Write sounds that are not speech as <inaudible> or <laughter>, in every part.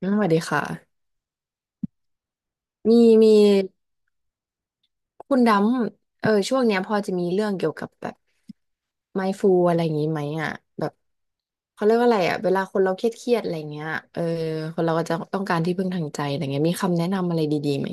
อืมสวัสดีค่ะ มีมีคุณดำช่วงเนี้ยพอจะมีเรื่องเกี่ยวกับแบบ mindful อะไรอย่างงี้ไหมอ่ะแบบเขาเรียกว่าอะไรอ่ะเวลาคนเราเครียดอะไรเงี้ยเออคนเราก็จะต้องการที่พึ่งทางใจอะไรเงี้ยมีคำแนะนำอะไรดีๆไหม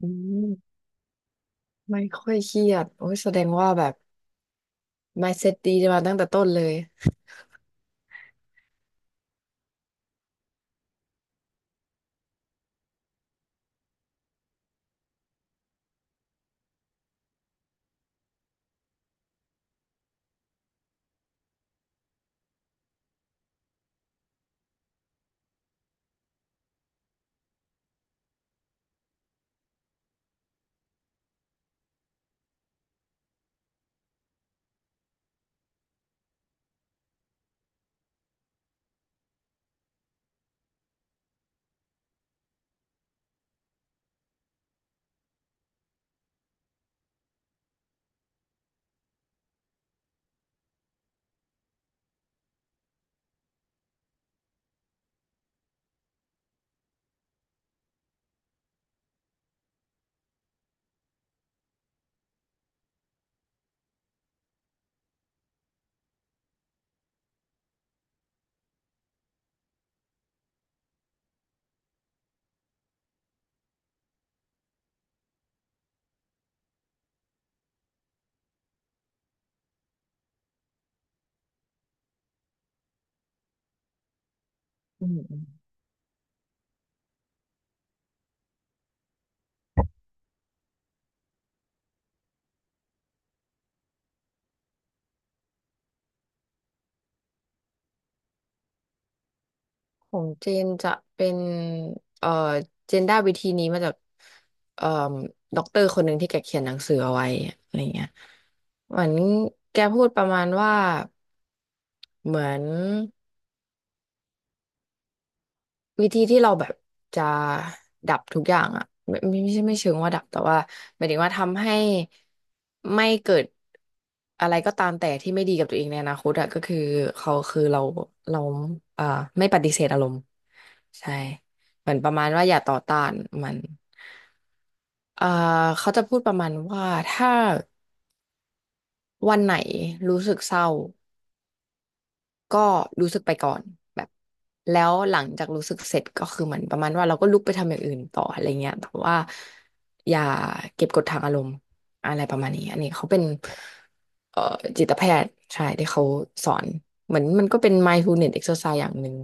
อืมไม่ค่อยเครียดโอ้ยแสดงว่าแบบ mindset ดีมาตั้งแต่ต้นเลยอืม ของเจนจะเป็นเอ่อเจนได้วิธีนี้มาจากเอ่อด็อกเตอร์คนหนึ่งที่แกเขียนหนังสือเอาไว้อะไรเงี้ยเหมือนแกพูดประมาณว่าเหมือน วิธีที่เราแบบจะดับทุกอย่างอ่ะไม่ใช่ไม่เชิงว่าดับแต่ว่าหมายถึงว่าทำให้ไม่เกิดอะไรก็ตามแต่ที่ไม่ดีกับตัวเองในอนาคตอ่ะก็คือเขาคือเราเอ่อไม่ปฏิเสธอารมณ์ใช่เหมือนประมาณว่าอย่าต่อต้านมันเอ่อเขาจะพูดประมาณว่าถ้าวันไหนรู้สึกเศร้า ก็รู้สึกไปก่อนแบบแล้วหลังจากรู้สึกเสร็จก็คือเหมือนประมาณว่าเราก็ลุกไปทำอย่างอื่นต่ออะไรเงี้ยแต่ว่าอย่าเก็บกดทางอารมณ์อะไรประมาณนี้อันนี้เขาเป็นเอ่อจิตแพทย์ใช่ที่เขาสอนเหมือนมันก็เป็น mindfulness exercise อย่างหนึ่ง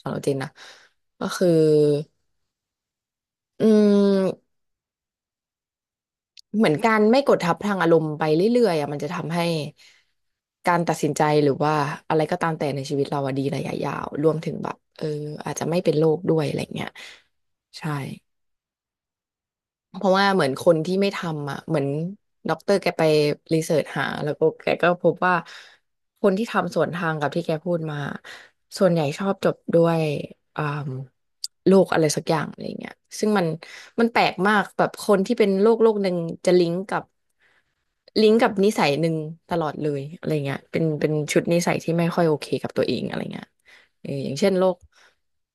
สำหรับเจนนะก็คืออืม เหมือนการไม่กดทับพลังอารมณ์ไปเรื่อยๆอ่ะมันจะทำให้การตัดสินใจหรือว่าอะไรก็ตามแต่ในชีวิตเราอะดีระยะยาวรวมถึงแบบเอออาจจะไม่เป็นโรคด้วยอะไรเงี้ยใช่เพราะว่าเหมือนคนที่ไม่ทำอ่ะเหมือนด็อกเตอร์แกไปรีเสิร์ชหาแล้วก็แกก็พบว่าคนที่ทำสวนทางกับที่แกพูดมาส่วนใหญ่ชอบจบด้วยอ่าโรคอะไรสักอย่างอะไรเงี้ยซึ่งมันแปลกมากแบบคนที่เป็นโรคหนึ่งจะลิงก์กับ ลิงก์กับนิสัยหนึ่งตลอดเลยอะไรเงี้ยเป็นชุดนิสัยที่ไม่ค่อยโอเคกับตัวเองอะไรเงี้ยเอออย่างเช่นโรค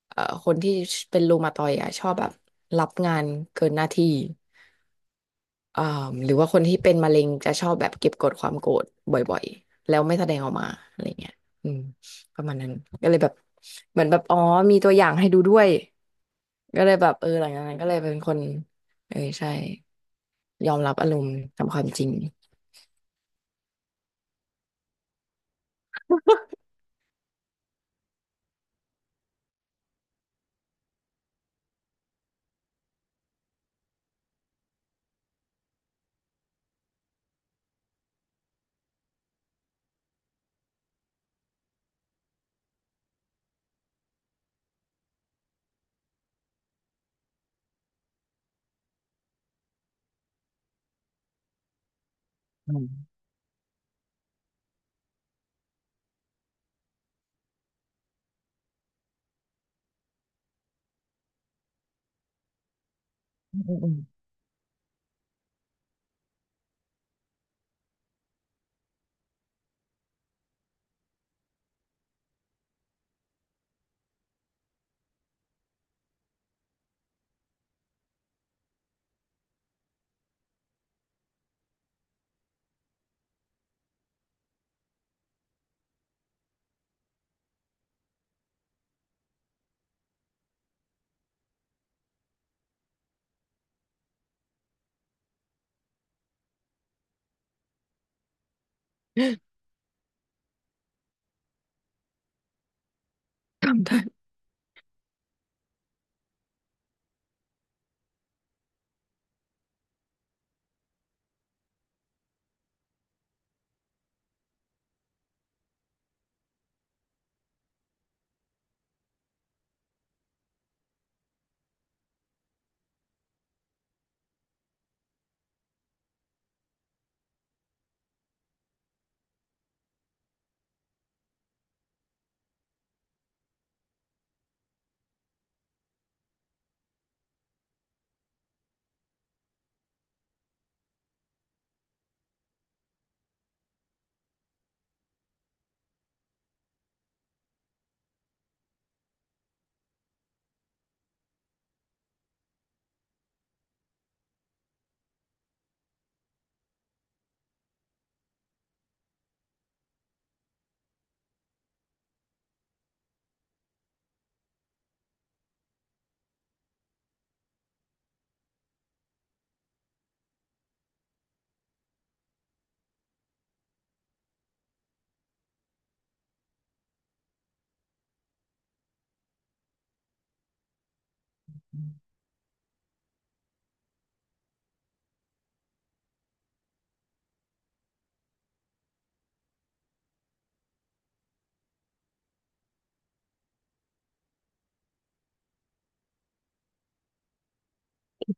คนที่เป็นรูมาตอยด์อ่ะชอบแบบรับงานเกินหน้าที่อ่าหรือว่าคนที่เป็นมะเร็งจะชอบแบบเก็บกดความโกรธบ่อยๆแล้วไม่แสดงออกมาอะไรเงี้ยอืมประมาณนั้นก็เลยแบบเหมือนแบบอ๋อมีตัวอย่างให้ดูด้วยก็เลยแบบเออหลังจากนั้นก็เลยเป็นคนเออใช่ยอมรับอารมณ์ตามความจริงอืมอืมอืม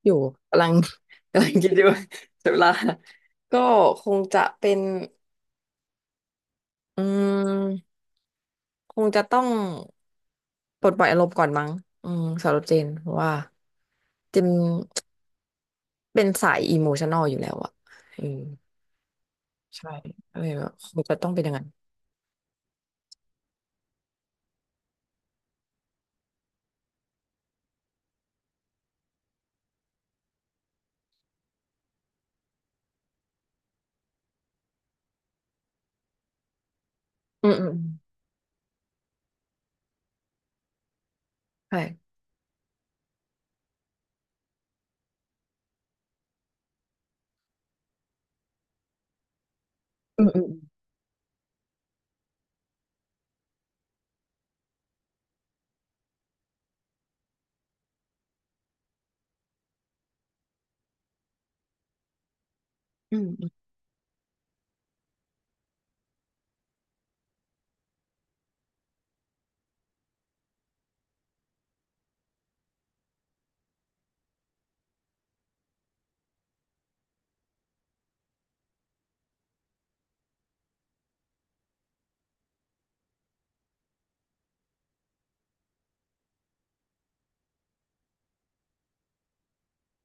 อยู่กำลัง <laughs> กำลังคิดอยู่ <laughs> เสียเวลา <laughs> ก็คงจะเป็นอืมคงจะต้องปลดปล่อยอารมณ์ก่อนมั้งอืมสำหรับเจนเพราะว่าเจนเป็นสายอิโมชัน a ลอยู่แล้วอะอืมใช่อะไรแบบคงจะต้องเป็นอย่างนั้นอืมอืมอืมใช่อืมอืมอืมอืม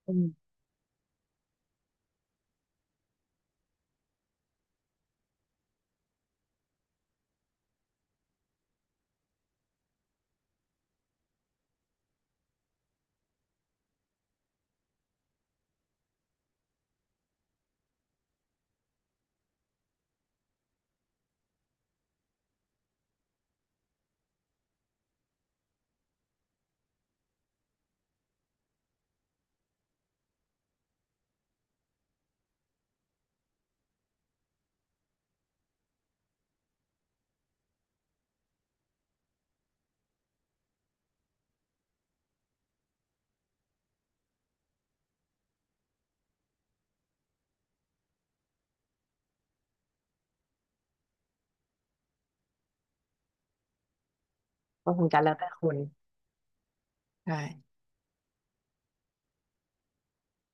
อืมก็คงจะแล้วแต่คนใช่